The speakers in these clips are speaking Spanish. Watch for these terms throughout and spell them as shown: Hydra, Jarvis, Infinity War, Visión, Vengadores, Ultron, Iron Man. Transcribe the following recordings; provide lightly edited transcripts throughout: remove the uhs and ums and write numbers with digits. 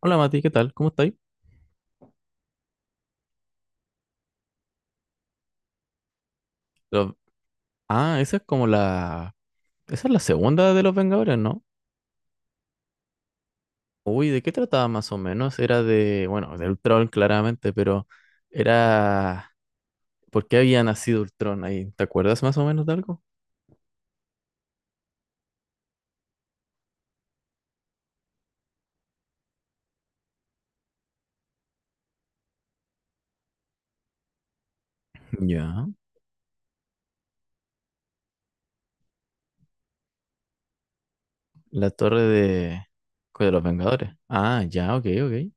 Hola Mati, ¿qué tal? ¿Cómo estáis? Los- Ah, esa es como la... Esa es la segunda de los Vengadores, ¿no? Uy, ¿de qué trataba más o menos? Era de... Bueno, de Ultron claramente, pero era... ¿Por qué había nacido Ultron ahí? ¿Te acuerdas más o menos de algo? Ya. La torre de... De los Vengadores. Ah, ya, ok, ok.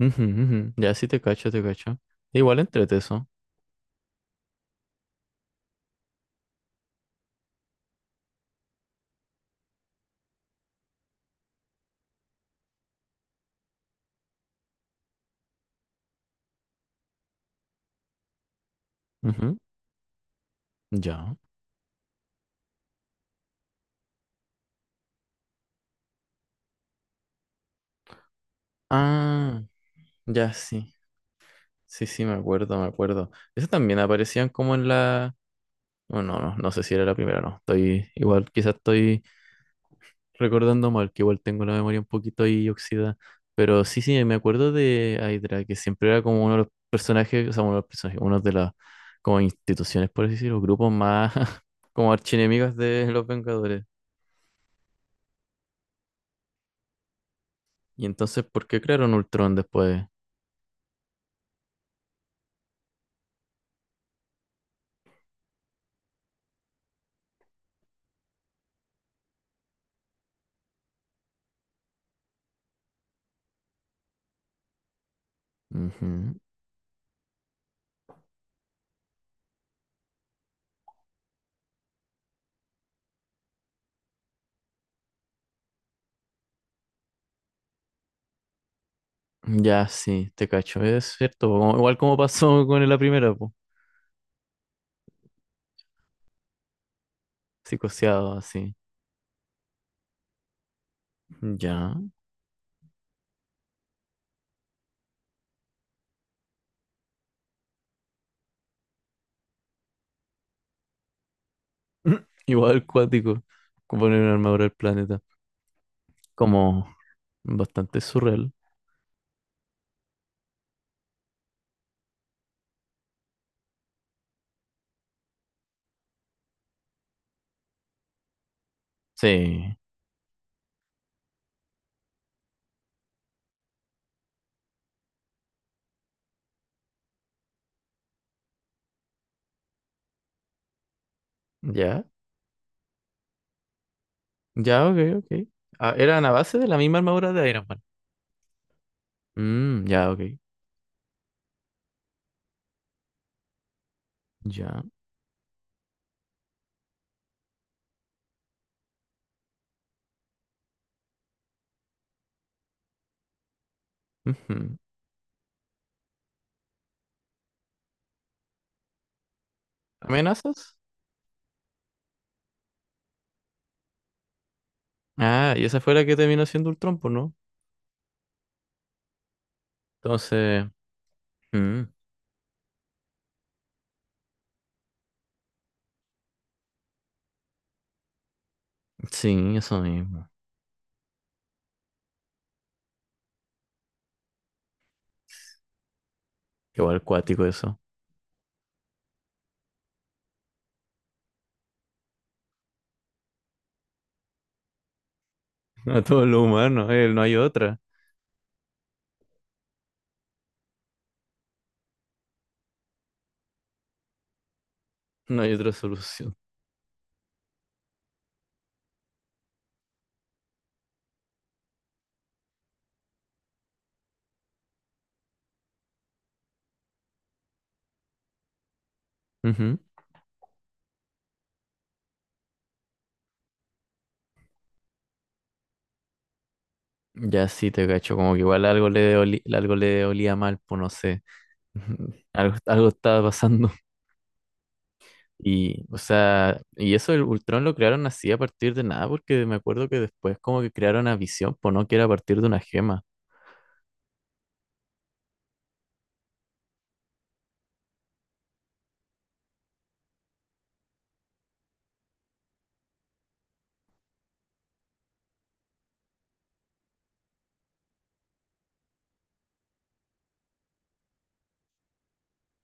Ujú, ujú. Ya, sí te cacho, te cacho. Igual entrete eso. Ujú, ya. Ah, ya sí. Sí, sí, me acuerdo, me acuerdo. Eso también aparecían como en la... no no, no no sé si era la primera, no. Estoy igual, quizás estoy recordando mal, que igual tengo la memoria un poquito ahí oxidada. Pero sí, sí, me acuerdo de Hydra, que siempre era como uno de los personajes, o sea, uno de los personajes, uno de las como instituciones, por así decirlo, grupos más como archienemigos de los Vengadores. Y entonces, ¿por qué crearon Ultron después? Ujú. Ya, sí, te cacho, es cierto, po, como- igual como pasó con la primera, pues, psicoseado, así. Ya. Igual cuático, como poner una armadura al planeta. Como bastante surreal. Sí. Ya. Ya, ok, ok. Ah, eran a base de la misma armadura de Iron Man. Mm, ya, ok. Ya. Ujú. ¿Amenazas? Ah, y esa fue la que terminó siendo Ultron, pues, ¿no? Entonces. Mm, sí, eso mismo. Igual cuático eso. A todo lo humano, él, no hay otra. No hay otra solución. Ujú. Ya sí te cacho, como que igual algo le oli- algo le olía mal, pues no sé. Ujú. Algo, algo estaba pasando. Y, o sea, y eso el Ultron lo crearon así a partir de nada, porque me acuerdo que después como que crearon a Visión, pues no, que era a partir de una gema.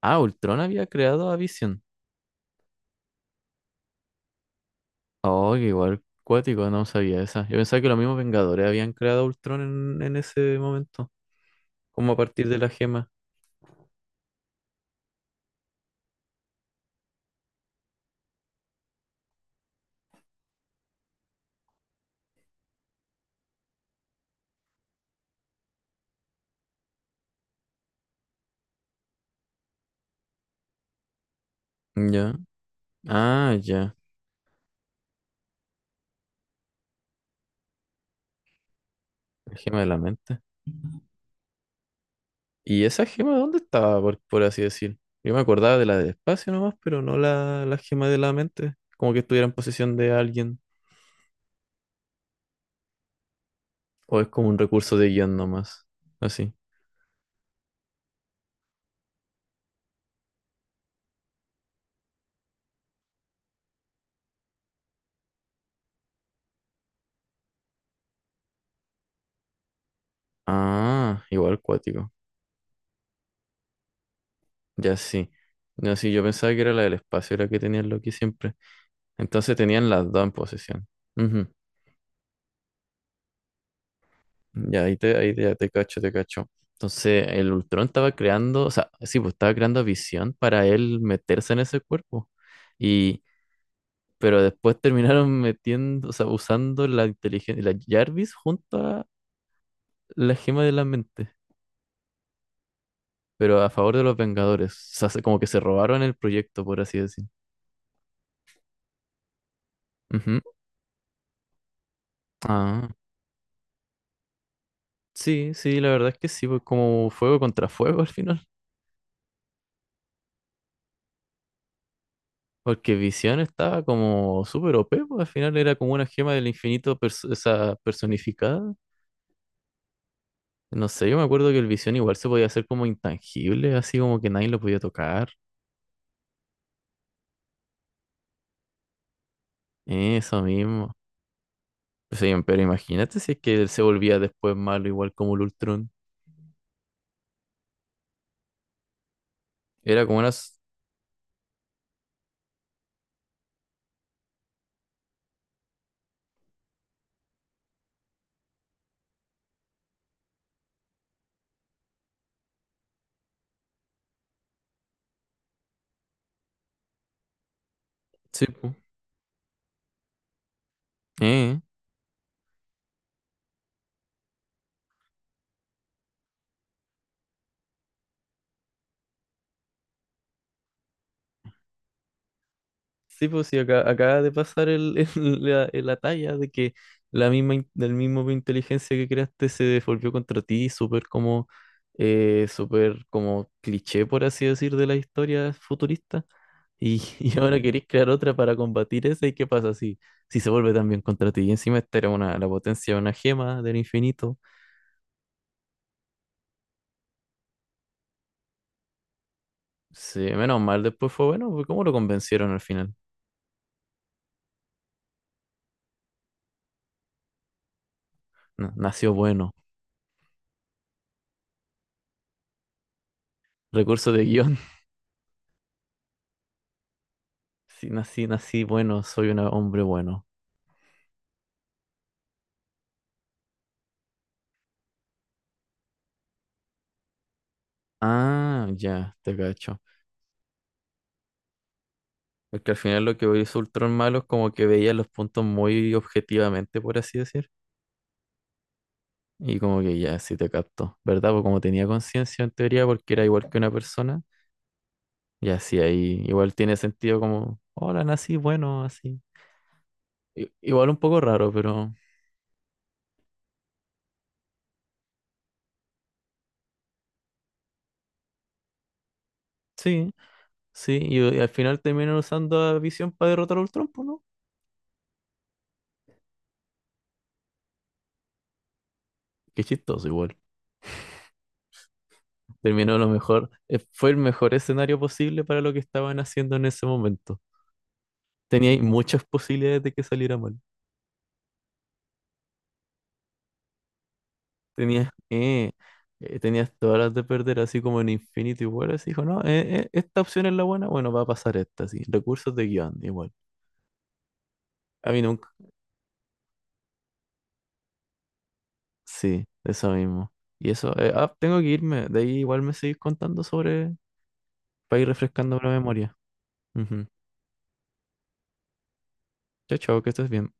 Ah, Ultron había creado a Visión. Oh, que igual cuático, no sabía esa. Yo pensaba que los mismos Vengadores habían creado a Ultron en ese momento, como a partir de la gema. Ya. Ah, ya. La gema de la mente. ¿Y esa gema dónde estaba, por así decir? Yo me acordaba de la del espacio nomás, pero no la, la gema de la mente. Como que estuviera en posesión de alguien. O es como un recurso de guión nomás. Así. Ah, igual cuático. Ya sí. Ya sí, yo pensaba que era la del espacio, era que tenían lo que siempre. Entonces tenían las dos en posesión. Ujú. Ya, ahí te, ya te cacho, te cacho. Entonces el Ultron estaba creando, o sea, sí, pues estaba creando visión para él meterse en ese cuerpo. Y pero después terminaron metiendo, o sea, usando la inteligencia, la Jarvis junto a la gema de la mente, pero a favor de los Vengadores. O sea, se- como que se robaron el proyecto, por así decir. Ujú. Ah, sí, sí, la verdad es que sí, pues como fuego contra fuego al final. Porque Visión estaba como súper OP, pues al final era como una gema del infinito pers- esa personificada. No sé, yo me acuerdo que el Visión igual se podía hacer como intangible, así como que nadie lo podía tocar. Eso mismo. Sí, pero imagínate si es que él se volvía después malo, igual como el Ultron. Era como una... s- Sí, pues. Eh. Sí, pues sí, acá, acaba de pasar el, el- la talla de que la misma, in- del mismo inteligencia que creaste se devolvió contra ti, súper como cliché, por así decir, de la historia futurista. Y, y ahora queréis crear otra para combatir esa, ¿y qué pasa si, si se vuelve también contra ti? Y encima esta era una, la potencia de una gema del infinito. Sí, menos mal, después fue bueno, porque ¿cómo lo convencieron al final? Na- Nació bueno. Recurso de guión. Sí, nací, nací bueno, soy un hombre bueno. Ah, ya, te cacho. Es que al final lo que hizo Ultron malo es como que veía los puntos muy objetivamente, por así decir. Y como que ya, sí te capto. ¿Verdad? Porque como tenía conciencia en teoría, porque era igual que una persona. Y así ahí igual tiene sentido como, hola, nací bueno, así. I- igual un poco raro, pero sí. Sí, y al final terminaron usando a Visión para derrotar a Ultron, pues, ¿no? Qué chistoso igual. Terminó lo mejor, fue el mejor escenario posible para lo que estaban haciendo en ese momento. Teníais muchas posibilidades de que saliera mal. Tenías, tenías todas las de perder, así como en Infinity War, así dijo, no, esta opción es la buena, bueno, va a pasar esta, sí. Recursos de guión, igual. A mí nunca, sí, eso mismo. Y eso, ah, tengo que irme, de ahí igual me seguís contando sobre, para ir refrescando la memoria. Ujú. Chao, chao, que estés bien.